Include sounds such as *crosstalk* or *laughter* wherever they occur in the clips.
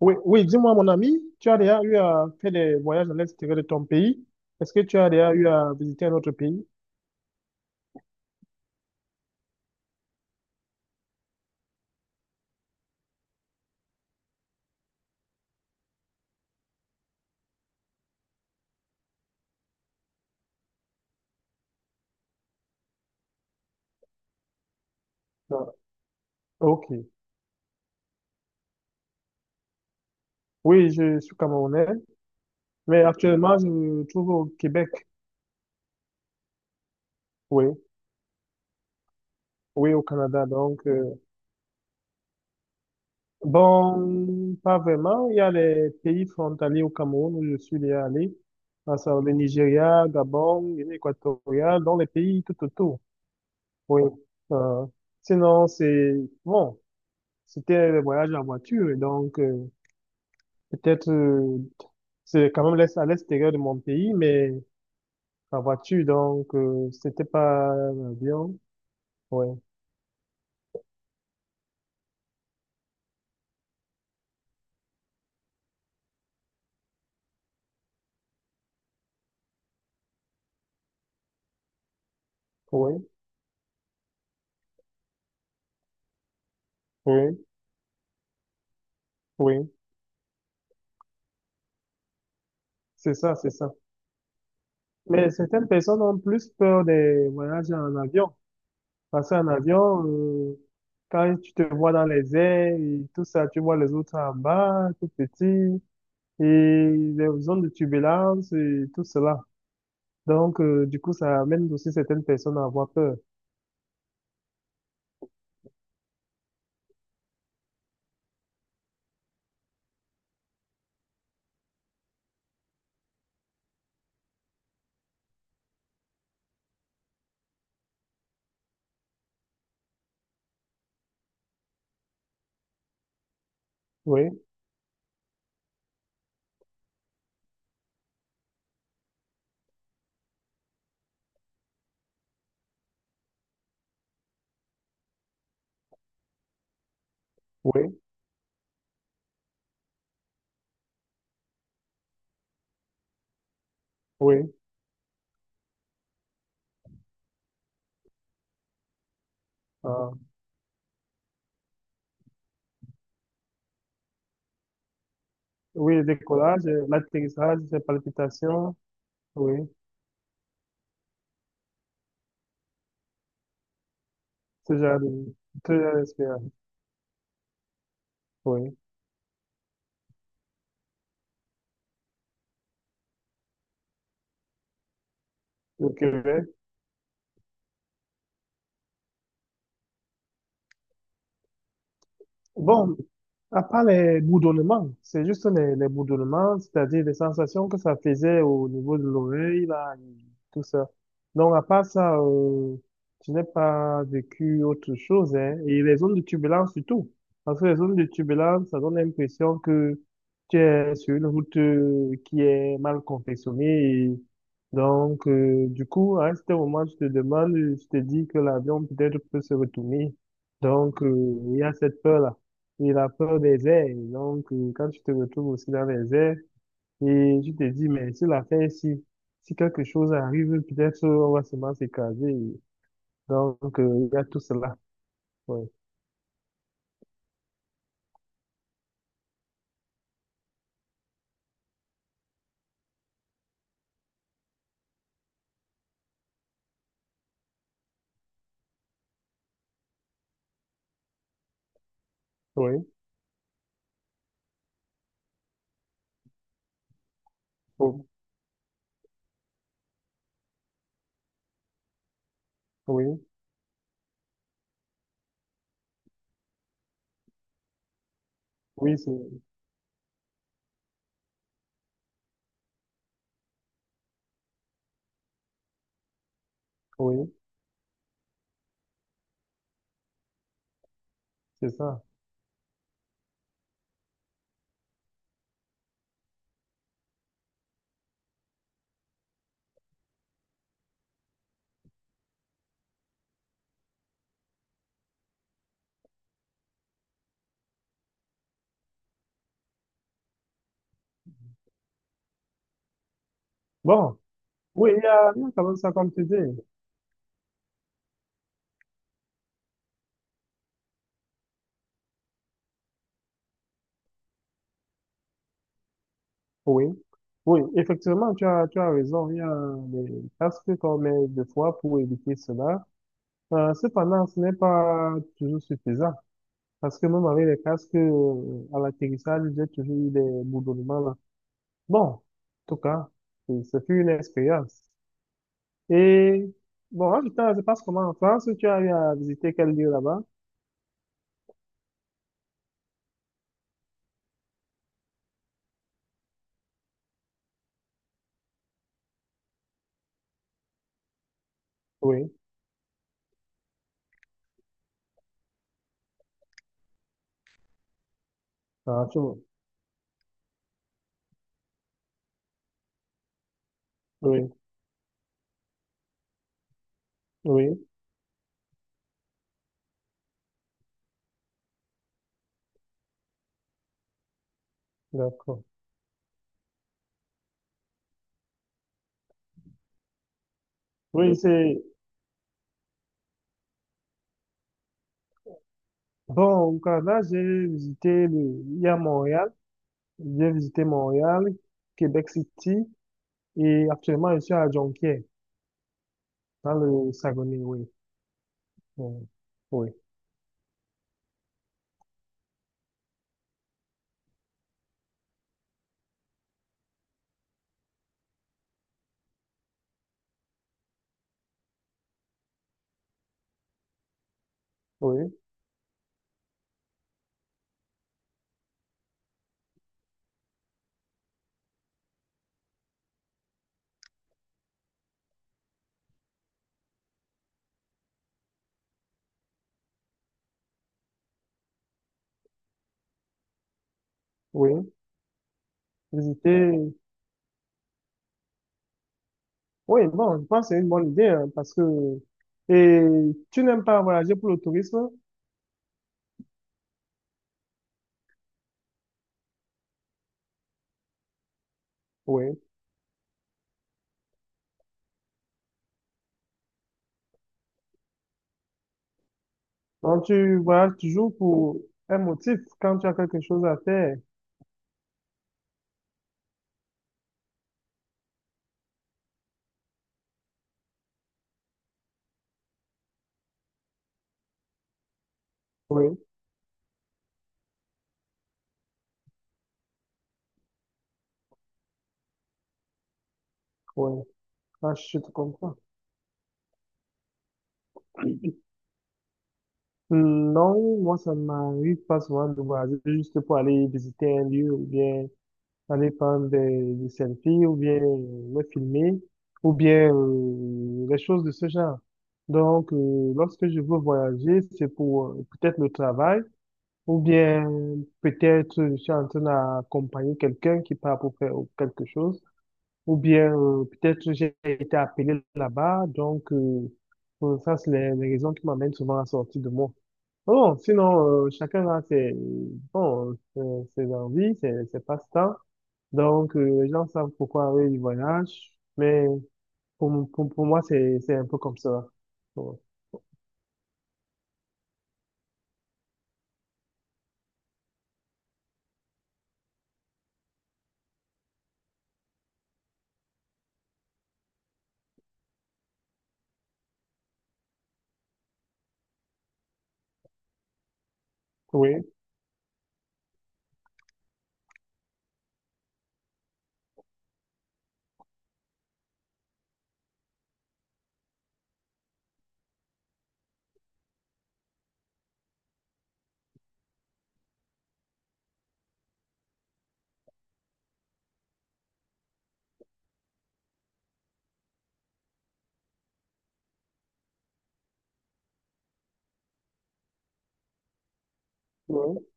Oui, oui, dis-moi, mon ami, tu as déjà eu à faire des voyages à l'extérieur de ton pays? Est-ce que tu as déjà eu à visiter un autre pays? Ah, ok. Oui, je suis camerounais, mais actuellement, je me trouve au Québec. Oui, oui, au Canada. Donc, bon, pas vraiment. Il y a les pays frontaliers au Cameroun où je suis déjà allé, à savoir le Nigeria, Gabon, Guinée équatoriale, dans les pays tout autour. Oui. Euh, Sinon, c'est bon. C'était le voyage en voiture, et donc peut-être c'est quand même à l'extérieur de mon pays, mais en voiture, donc c'était pas l'avion. Oui, oui, oui, oui. C'est ça, c'est ça. Mais certaines personnes ont plus peur des voyages en avion. Parce qu'en avion, quand tu te vois dans les airs et tout ça, tu vois les autres en bas, tout petit, et les zones de turbulence et tout cela. Donc, du coup, ça amène aussi certaines personnes à avoir peur. Oui, oui, oui. Ah. Oui, le décollage, l'atterrissage, les palpitations, oui, ce genre de, ce genre d'expérience, oui, au Québec. Bon, à part les bourdonnements, c'est juste les bourdonnements, c'est-à-dire les sensations que ça faisait au niveau de l'oreille, là, et tout ça. Donc, à part ça, je n'ai pas vécu autre chose, hein. Et les zones de turbulence surtout. Parce que les zones de turbulence, ça donne l'impression que tu es sur une route qui est mal confectionnée. Et donc, du coup, à un certain moment, tu te demandes, tu te dis que l'avion peut-être peut se retourner. Donc, il y a cette peur-là. Il a peur des airs. Et donc, quand tu te retrouves aussi dans les airs, et tu te dis, mais si l'affaire ici, si quelque chose arrive, peut-être on va seulement s'écraser. Donc, il y a tout cela. Oui, oui, oh, oui, oui, c'est, oui, c'est ça. Bon, oui, il y a quand même ça comme tu dis. Oui, oui, effectivement, tu as raison. Il y a des casques qu'on met des fois pour éviter cela. Cependant, ce n'est pas toujours suffisant. Parce que même avec les casques, à l'atterrissage, j'ai toujours eu des bourdonnements là. Bon, en tout cas, ce fut une expérience. Et bon, en tout cas, je passe comment en France, tu as eu à visiter quel lieu là-bas? Oui, ah, tu vois. Oui, oui, d'accord. Oui, c'est bon, au Canada, j'ai visité le... il y a Montréal, j'ai visité Montréal, Québec City, et actuellement, je suis à Jonquière, dans le Saguenay, oui. Oui, oui, oui. Oui. Visiter. Oui, bon, je pense que c'est une bonne idée hein, parce que et tu n'aimes pas voyager pour le tourisme? Oui. Donc tu voyages toujours pour un motif quand tu as quelque chose à faire. Oui, oui. Ah, je te comprends. Non, moi ça m'arrive pas souvent de voyager juste pour aller visiter un lieu ou bien aller prendre des selfies ou bien me filmer ou bien des choses de ce genre. Donc lorsque je veux voyager, c'est pour peut-être le travail. Ou bien peut-être je suis en train d'accompagner quelqu'un qui part pour faire quelque chose. Ou bien peut-être j'ai été appelé là-bas. Donc ça, c'est les raisons qui m'amènent souvent à sortir de moi. Bon, sinon, chacun a ses, bon, ses, ses envies, ses passe-temps. Donc les gens savent pourquoi eux, ils voyagent. Mais pour moi, c'est un peu comme ça. Ouais. Oui, oui,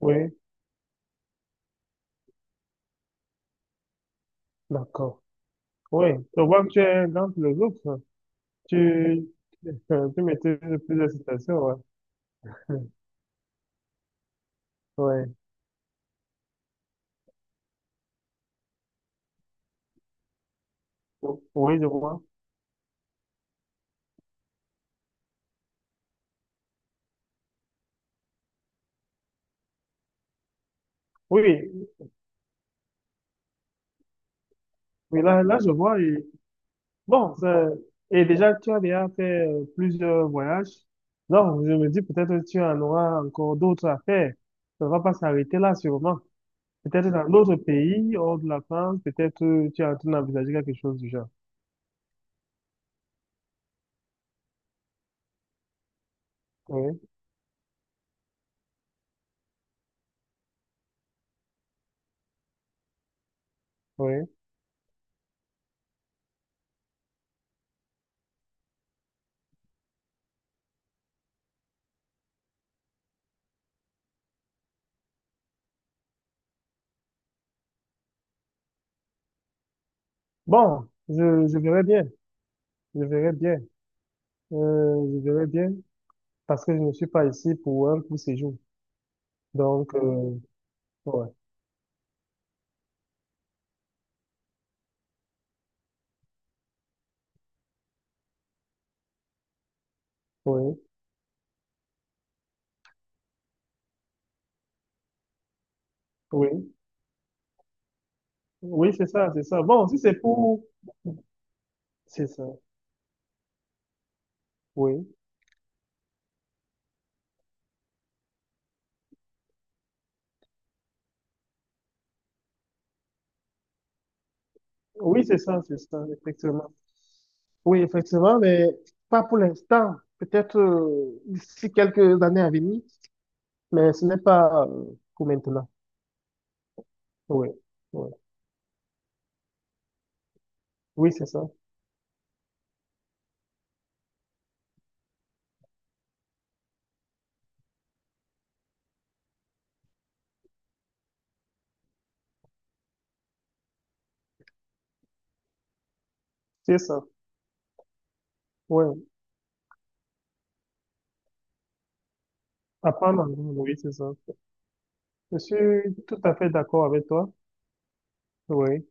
oui, d'accord. Oui, je vois que tu es un grand philosophe. Tu, *laughs* tu maîtrises plusieurs citations, ouais. Ouais. Oui, je vois. Oui, oui, là, là, je vois. Et, bon, ça- et déjà, tu as déjà fait plusieurs voyages. Non, je me dis, peut-être que tu en auras encore d'autres à faire. Ça ne va pas s'arrêter là, sûrement. Peut-être dans d'autres pays, hors de la France, peut-être tu es en train d'envisager quelque chose du genre. Oui, oui. Bon, je verrai bien. Je verrai bien. Je verrai bien. Parce que je ne suis pas ici pour un court séjour. Donc, ouais, oui, oui, oui, c'est ça, c'est ça. Bon, si c'est pour, c'est ça, oui, oui, c'est ça, effectivement. Oui, effectivement, mais pas pour l'instant. Peut-être d'ici quelques années à venir, mais ce n'est pas pour maintenant. Oui, oui, oui, c'est ça. C'est ça. Ouais. Apprendre l'anglais, oui, c'est ça. Je suis tout à fait d'accord avec toi. Oui,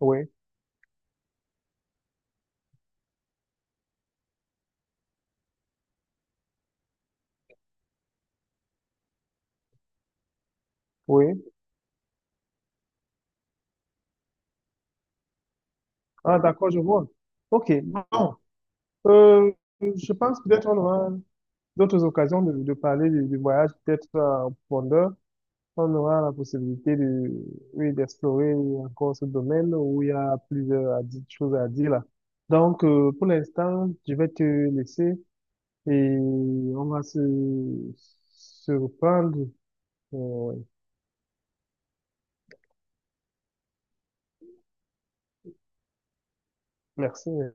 oui, oui. Ah, d'accord, je vois. OK. Bon. Euh, je pense peut-être on aura d'autres occasions de parler du voyage, peut-être en profondeur. On aura la possibilité de, oui, d'explorer encore ce domaine où il y a plusieurs choses à dire là. Donc, pour l'instant, je vais te laisser et on va se reprendre. euh, Merci.